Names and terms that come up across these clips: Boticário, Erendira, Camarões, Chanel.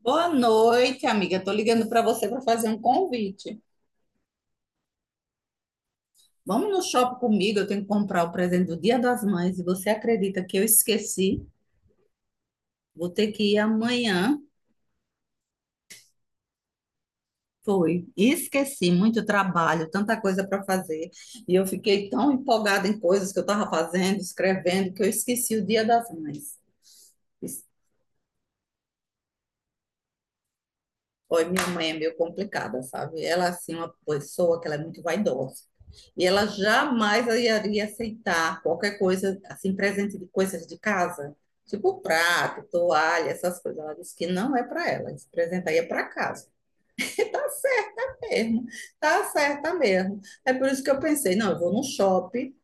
Boa noite, amiga. Tô ligando para você para fazer um convite. Vamos no shopping comigo, eu tenho que comprar o presente do Dia das Mães e você acredita que eu esqueci? Vou ter que ir amanhã. Foi. Esqueci, muito trabalho, tanta coisa para fazer. E eu fiquei tão empolgada em coisas que eu estava fazendo, escrevendo, que eu esqueci o Dia das Mães. Olha, minha mãe é meio complicada, sabe? Ela, é, assim, uma pessoa que ela é muito vaidosa. E ela jamais iria aceitar qualquer coisa, assim, presente de coisas de casa, tipo prato, toalha, essas coisas. Ela disse que não é para ela, esse presente aí é para casa. Que tá certo mesmo, tá certa mesmo. É por isso que eu pensei, não, eu vou no shopping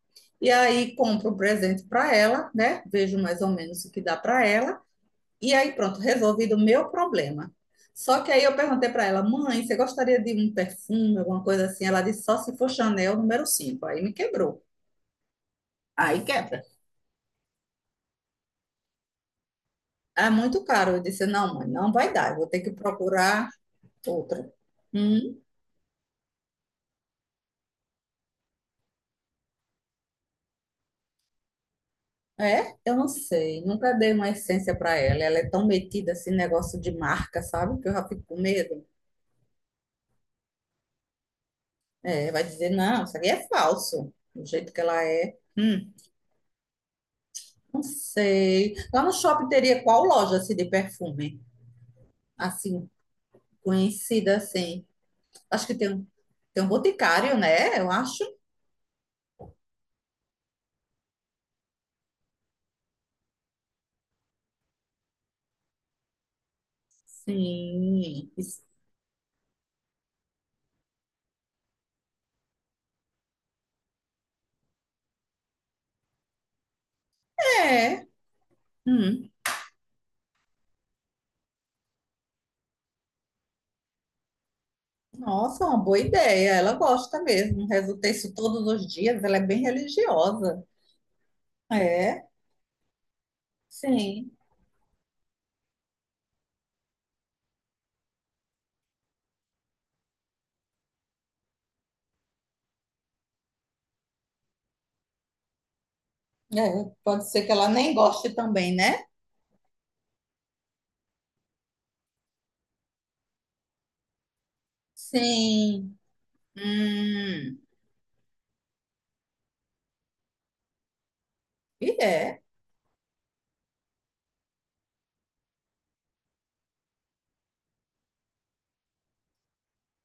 e aí compro um presente para ela, né? Vejo mais ou menos o que dá para ela. E aí, pronto, resolvido o meu problema. Só que aí eu perguntei para ela, mãe, você gostaria de um perfume, alguma coisa assim? Ela disse, só se for Chanel nº 5. Aí me quebrou. Aí quebra. É muito caro. Eu disse, não, mãe, não vai dar. Eu vou ter que procurar outra. Hum, é? Eu não sei. Nunca dei uma essência para ela. Ela é tão metida assim, negócio de marca, sabe? Que eu já fico com medo. É, vai dizer, não, isso aqui é falso. Do jeito que ela é. Não sei. Lá no shopping teria qual loja assim, de perfume? Assim, conhecida, assim. Acho que tem um boticário, né? Eu acho. Sim. Isso é. Hum. Nossa, uma boa ideia. Ela gosta mesmo. Resulta isso todos os dias. Ela é bem religiosa. É, sim. É, pode ser que ela nem goste também, né? Sim. Hum. E é.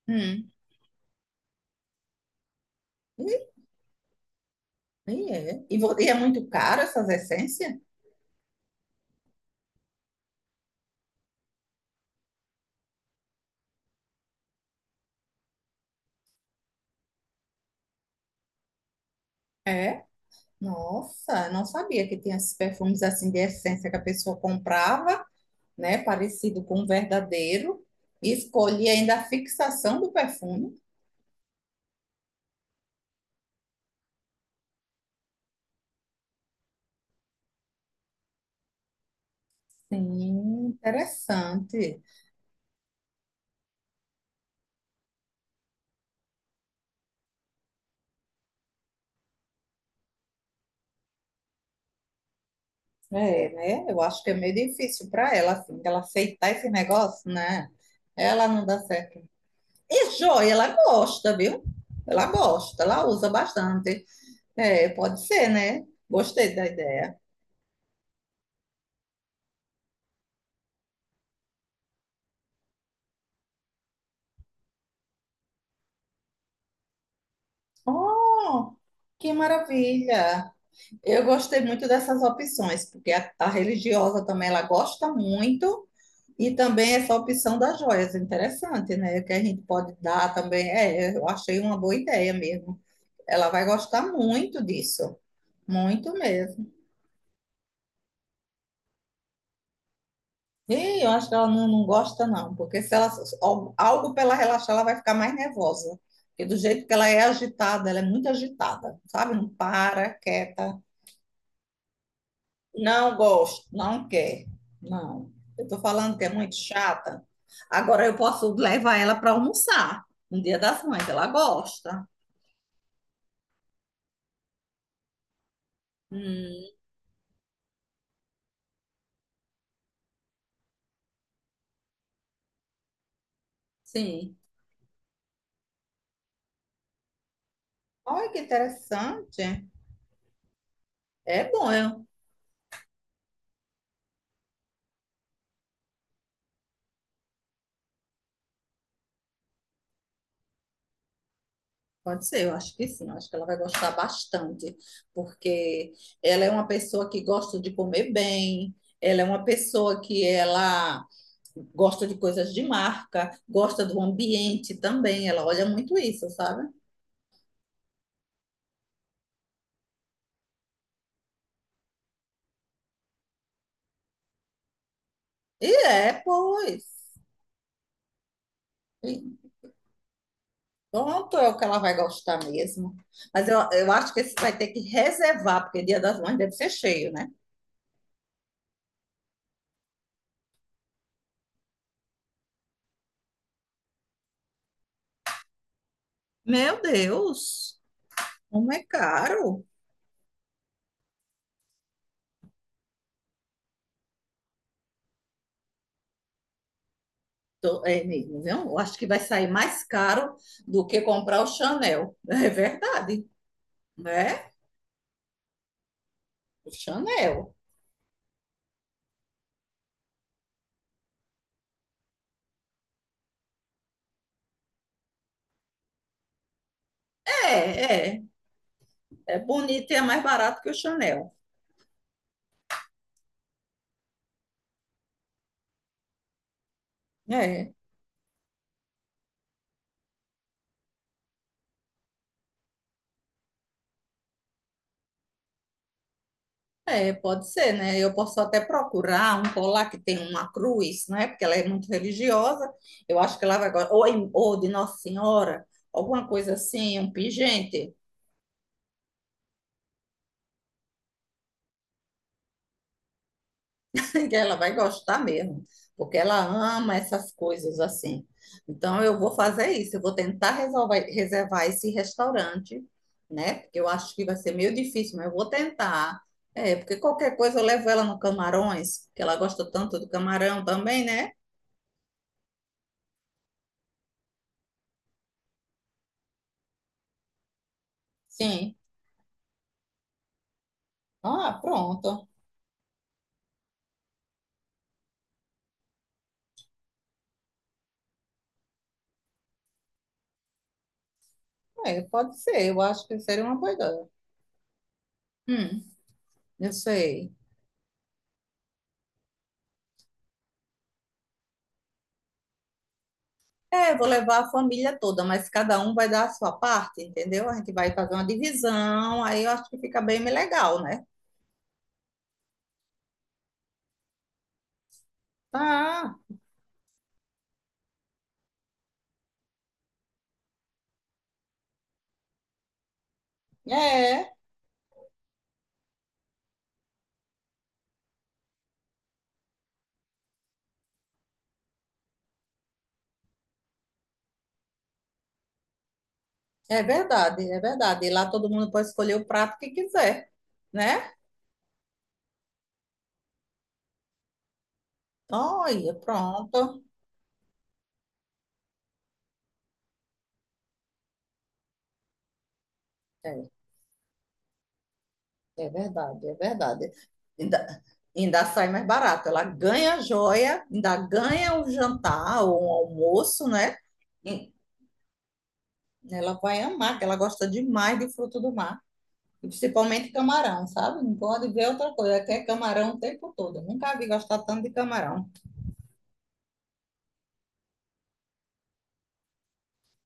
Hum. E, é. E, e é muito caro essas essências? É. Nossa, não sabia que tinha esses perfumes assim de essência que a pessoa comprava, né? Parecido com o verdadeiro. E escolhia ainda a fixação do perfume. Sim, interessante. É, né? Eu acho que é meio difícil para ela, assim, ela aceitar esse negócio, né? Ela não dá certo. E joia, ela gosta, viu? Ela gosta, ela usa bastante. É, pode ser, né? Gostei da ideia. Oh, que maravilha! Eu gostei muito dessas opções, porque a religiosa também ela gosta muito, e também essa opção das joias, interessante, né? Que a gente pode dar também. É, eu achei uma boa ideia mesmo. Ela vai gostar muito disso, muito mesmo. E eu acho que ela não, não gosta, não, porque se ela algo para ela relaxar, ela vai ficar mais nervosa. Porque do jeito que ela é agitada, ela é muito agitada, sabe? Não para, quieta. Não gosto, não quer. Não. Eu estou falando que é muito chata. Agora eu posso levar ela para almoçar no Dia das Mães, ela gosta. Hum, sim. Olha que interessante. É bom, pode ser, eu acho que sim, eu acho que ela vai gostar bastante, porque ela é uma pessoa que gosta de comer bem, ela é uma pessoa que ela gosta de coisas de marca, gosta do ambiente também, ela olha muito isso, sabe? E é, pois. E pronto, é o que ela vai gostar mesmo. Mas eu acho que esse vai ter que reservar, porque Dia das Mães deve ser cheio, né? Meu Deus! Como é caro. É mesmo, viu? Eu acho que vai sair mais caro do que comprar o Chanel. É verdade, né? O Chanel. É, é. É bonito e é mais barato que o Chanel. É. É, pode ser, né? Eu posso até procurar um colar que tem uma cruz, né? Porque ela é muito religiosa. Eu acho que ela vai gostar. Ou, ou de Nossa Senhora, alguma coisa assim, um pingente, que ela vai gostar mesmo, porque ela ama essas coisas assim. Então, eu vou fazer isso. Eu vou tentar resolver, reservar esse restaurante, né? Porque eu acho que vai ser meio difícil, mas eu vou tentar. É, porque qualquer coisa eu levo ela no Camarões, que ela gosta tanto do camarão também, né? Sim. Ah, pronto. É, pode ser. Eu acho que seria uma boa ideia. Hum, eu sei. É, vou levar a família toda, mas cada um vai dar a sua parte, entendeu? A gente vai fazer uma divisão, aí eu acho que fica bem legal, né? Ah, é. É verdade, é verdade. E lá todo mundo pode escolher o prato que quiser, né? Olha, pronto. É, é verdade, é verdade. Ainda, ainda sai mais barato. Ela ganha a joia, ainda ganha o jantar ou o almoço, né? Ela vai amar, que ela gosta demais de fruto do mar. E principalmente camarão, sabe? Não pode ver outra coisa. Ela quer camarão o tempo todo. Nunca vi gostar tanto de camarão.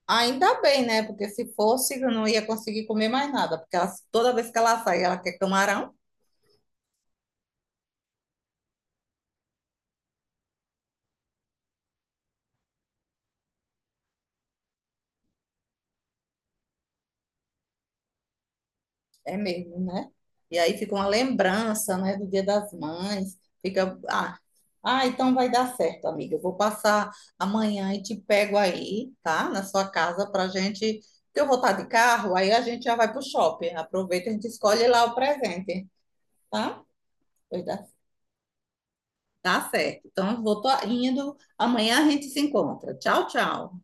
Ainda bem, né? Porque se fosse, eu não ia conseguir comer mais nada. Porque toda vez que ela sai, ela quer camarão. É mesmo, né? E aí fica uma lembrança, né, do Dia das Mães. Fica, ah, ah, então vai dar certo, amiga. Eu vou passar amanhã e te pego aí, tá? Na sua casa pra gente, que eu vou estar de carro, aí a gente já vai pro shopping. Aproveita, a gente escolhe lá o presente, tá? Pois dá, tá certo. Então, eu vou tô indo. Amanhã a gente se encontra. Tchau, tchau.